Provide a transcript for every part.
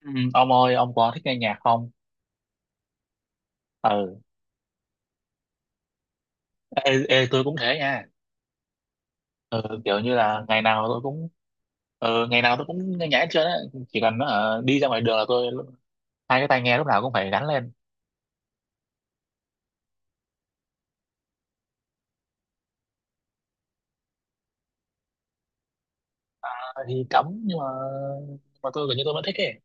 Ừ, ông ơi, ông có thích nghe nhạc không? Ừ. Ê, tôi cũng thế nha. Ừ, kiểu như là ngày nào tôi cũng... Ừ, ngày nào tôi cũng nghe nhạc hết trơn á. Chỉ cần đi ra ngoài đường là tôi hai cái tai nghe lúc nào cũng phải gắn lên. Ờ, thì cấm nhưng mà, nhưng mà tôi gần như tôi vẫn thích ấy.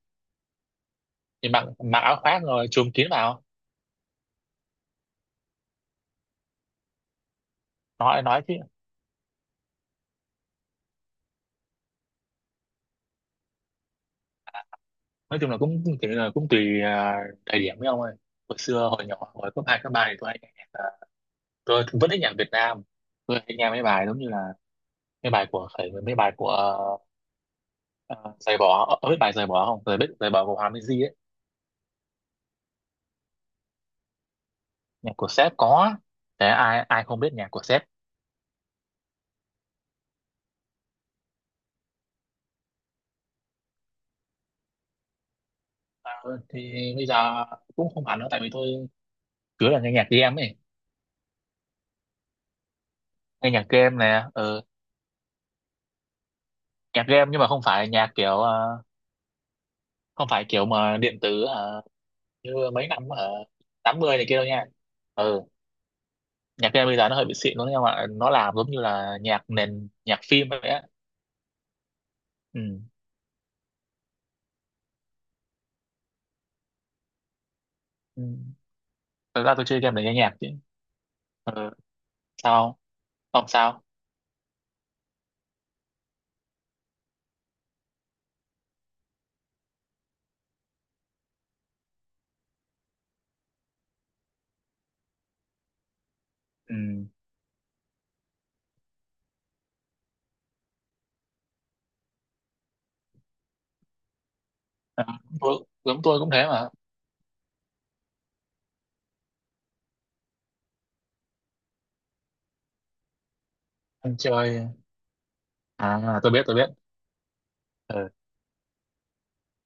Thì mặc mặc áo khoác rồi chùm kín vào. Nói chứ. Nói chung là cũng cũng kiểu là cũng tùy, thời điểm, với ông ơi. Hồi xưa hồi nhỏ hồi cấp hai cấp ba thì tôi hay nghe nhạc, tôi vẫn thích nhạc Việt Nam. Tôi hay nghe mấy bài giống như là mấy bài của, phải, mấy bài của... À, giày bó ở biết bài giày bỏ không giày biết giày bỏ của Hòa Minzy ấy. Nhạc của Sếp có. Thế ai ai không biết nhạc của Sếp. À, thì bây giờ cũng không hẳn đâu tại vì tôi cứ là nghe nhạc game ấy. Nghe nhạc game nè. Ừ. Nhạc game nhưng mà không phải nhạc kiểu, không phải kiểu mà điện tử, như mấy năm ở 80 này kia đâu nha. Ừ. Nhạc game bây giờ nó hơi bị xịn luôn, nhưng mà nó làm giống như là nhạc nền nhạc phim vậy á. Ừ. Ừ. Thật ra tôi chơi game để nghe nhạc chứ. Ừ. Sao? Ông sao? Ừ. À, tôi, giống tôi cũng thế mà. Anh chơi. À, tôi biết, tôi biết. Ừ.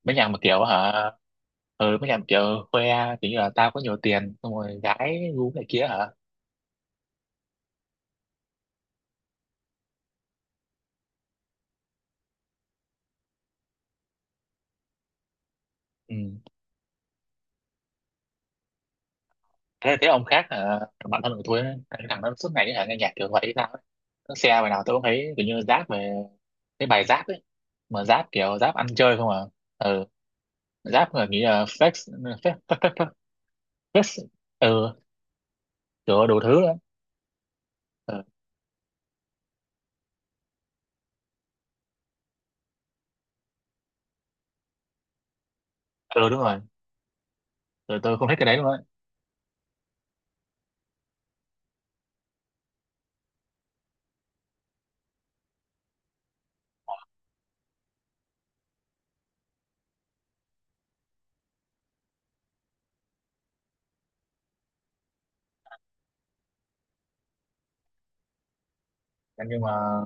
Mấy nhà mà kiểu, hả? Ừ, mấy nhà mà kiểu khoe kiểu như là tao có nhiều tiền xong rồi gái gu này kia, hả. Ừ. Thế ông khác hả, thằng bạn thân của tôi ấy, cái thằng nó suốt ngày hả, nghe nhạc kiểu vậy hay sao ấy. Nó xe bài nào tôi cũng thấy kiểu như rap về, cái bài rap ấy. Mà rap kiểu rap ăn chơi không à. Ừ. Rap mà nghĩ là flex. Flex flex. Flex. Ừ. Kiểu đủ thứ đó. Ừ. Ừ, đúng rồi. Ừ, tôi không thích cái đấy luôn á. Nhưng mà...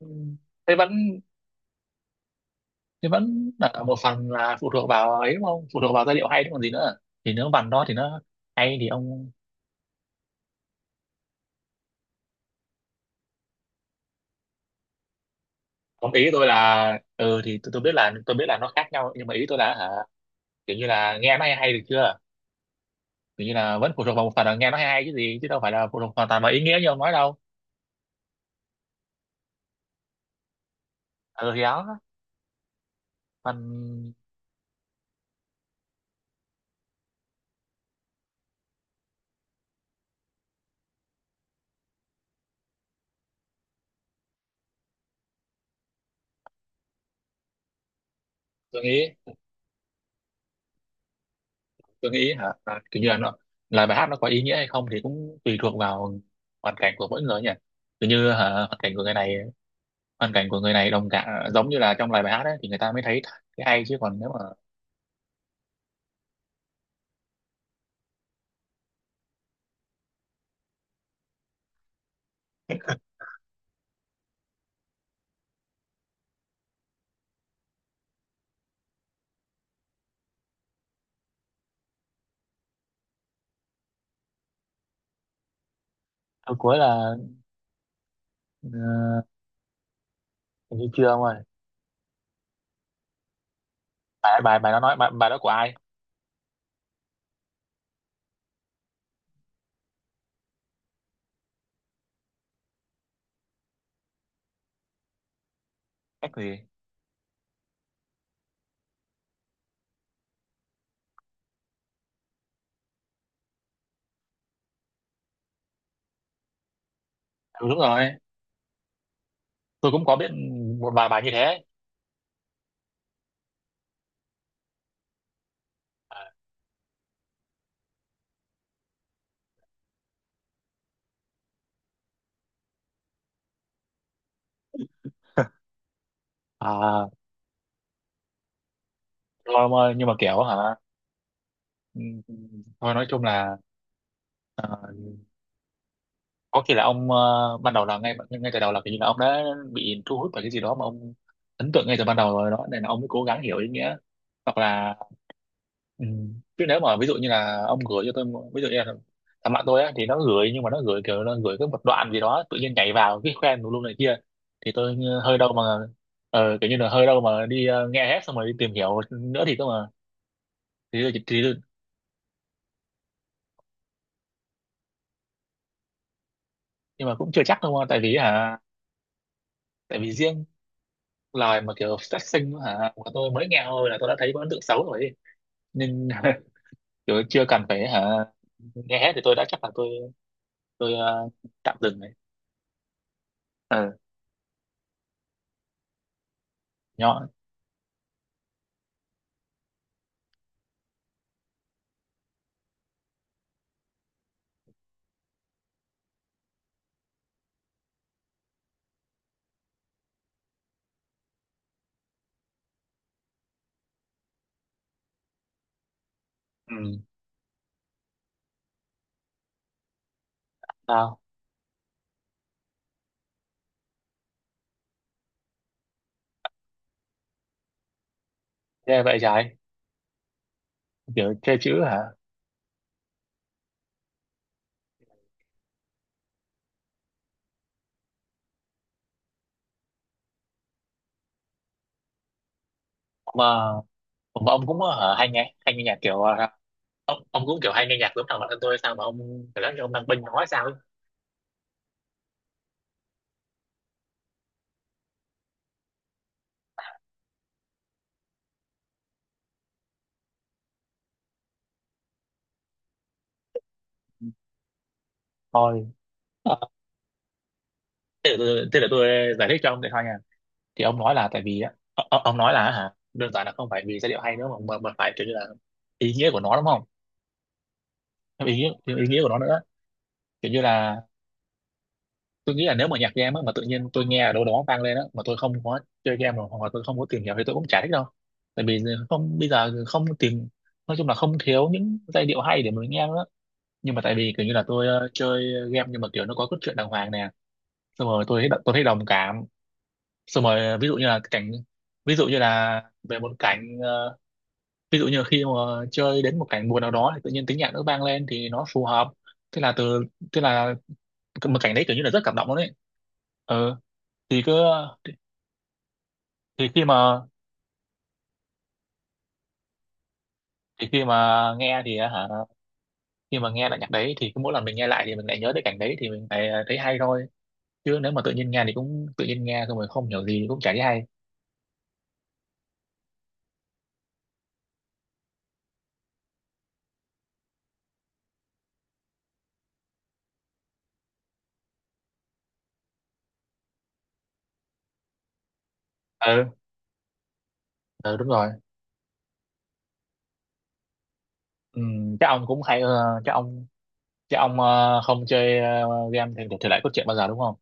Ừ. Thế vẫn, thế vẫn là một phần là phụ thuộc vào ấy đúng không, phụ thuộc vào giai điệu hay chứ còn gì nữa. Thì nếu bản đó thì nó hay thì ông... Ông, ý tôi là, ừ thì tôi biết là tôi biết là nó khác nhau, nhưng mà ý tôi là hả, kiểu như là nghe nó hay hay được chưa. Kiểu như là vẫn phụ thuộc vào một phần là nghe nó hay hay chứ gì, chứ đâu phải là phụ thuộc hoàn toàn vào ý nghĩa như ông nói đâu. Ừ thì đó. Phần... tôi nghĩ tôi nghĩ hả, là kiểu như là nó, là bài hát nó có ý nghĩa hay không thì cũng tùy thuộc vào hoàn cảnh của mỗi người nhỉ. Kiểu như hả, hoàn cảnh của người này, hoàn cảnh của người này đồng cảm giống như là trong lời bài hát ấy thì người ta mới thấy cái hay, chứ còn nếu mà... Câu cuối là, ờ, hình như chưa, ông ơi. Bài bài bài đó nói, bài đó của ai? Cách gì? Ừ, đúng rồi. Tôi cũng có biết một vài bài như thế ấy. À. Thôi ông ơi, nhưng mà kiểu hả... Ừ, thôi nói chung là, ờ, có khi là ông, ban đầu là ngay ngay từ đầu là kiểu như là ông đã bị thu hút bởi cái gì đó mà ông ấn tượng ngay từ ban đầu rồi đó, nên là ông mới cố gắng hiểu ý nghĩa, hoặc là... Ừ. Chứ nếu mà ví dụ như là ông gửi cho tôi ví dụ như là thằng bạn tôi á thì nó gửi, nhưng mà nó gửi kiểu nó gửi cái một đoạn gì đó tự nhiên nhảy vào cái khoen tùm lum này kia, thì tôi như hơi đâu mà, kiểu như là hơi đâu mà đi, nghe hết xong rồi đi tìm hiểu nữa thì cơ mà. Thì, nhưng mà cũng chưa chắc đâu mà, tại vì hả, tại vì riêng lời mà kiểu phát sinh hả của tôi mới nghe thôi là tôi đã thấy có ấn tượng xấu rồi ấy. Nên kiểu chưa cần phải hả, nghe hết thì tôi đã chắc là tôi tạm dừng này. ờ Nhỏ. Ừ. Ghê vậy, trái. Kiểu chơi chữ hả. mà mà ông cũng hả, hay nghe nhạc kiểu, ông cũng kiểu hay nghe nhạc giống thằng bạn thân tôi sao mà ông, kiểu lắm ông đang bênh nói sao ấy. Thôi, ờ, thế để tôi giải thích cho ông để thôi nha. Thì ông nói là tại vì á, ông nói là hả, đơn giản là không phải vì giai điệu hay nữa, mà mà phải kiểu như là ý nghĩa của nó đúng không. Ý nghĩa của nó nữa, kiểu như là, tôi nghĩ là nếu mà nhạc game á, mà tự nhiên tôi nghe ở đâu đó vang lên á mà tôi không có chơi game rồi, hoặc là tôi không có tìm hiểu, thì tôi cũng chả thích đâu. Tại vì không, bây giờ không tìm, nói chung là không thiếu những giai điệu hay để mình nghe nữa. Nhưng mà tại vì kiểu như là tôi, chơi game nhưng mà kiểu nó có cốt truyện đàng hoàng nè. Xong rồi tôi thấy đồng cảm. Xong rồi, ví dụ như là cái cảnh, ví dụ như là về một cảnh, ví dụ như khi mà chơi đến một cảnh buồn nào đó thì tự nhiên tiếng nhạc nó vang lên thì nó phù hợp. Thế là từ, thế là một cảnh đấy kiểu như là rất cảm động luôn đấy. Ừ, thì cứ, thì khi mà, thì khi mà nghe thì á hả, khi mà nghe lại nhạc đấy thì cứ mỗi lần mình nghe lại thì mình lại nhớ tới cảnh đấy thì mình lại à, thấy hay thôi. Chứ nếu mà tự nhiên nghe thì cũng tự nhiên nghe xong rồi không hiểu gì cũng chả thấy hay. Ừ. Ừ, đúng rồi. Ừ, chắc ông cũng hay, chắc ông, chắc ông không chơi, game thì thể loại cốt truyện bao giờ đúng không.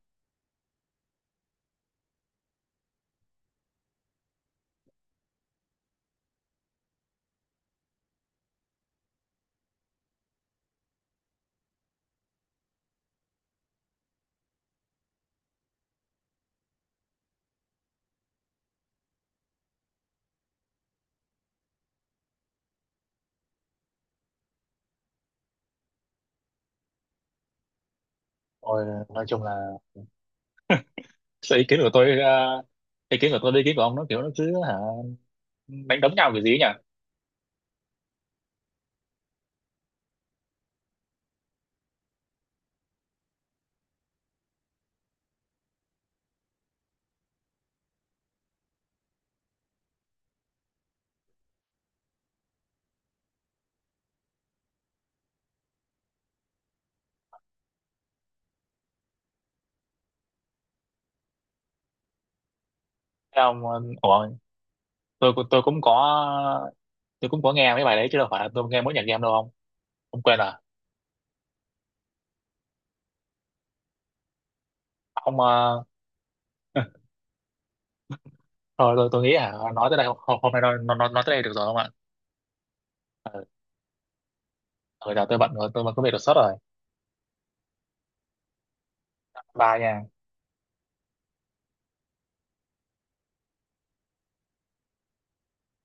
Rồi nói chung là, sự ý kiến của tôi, ý kiến của tôi với ý kiến của ông nó kiểu nó cứ hả, đánh đấm nhau kiểu gì ấy nhỉ. Thế ông, ủa, tôi cũng có, tôi cũng có nghe mấy bài đấy chứ đâu phải là tôi nghe mỗi nhạc game đâu. Không, không quên à. Ông, thôi tôi nghĩ à, nói tới đây hôm, hôm nay nói tới đây được rồi không ạ? Ừ, giờ tôi bận rồi, tôi mà có việc đột xuất rồi. Bye nha.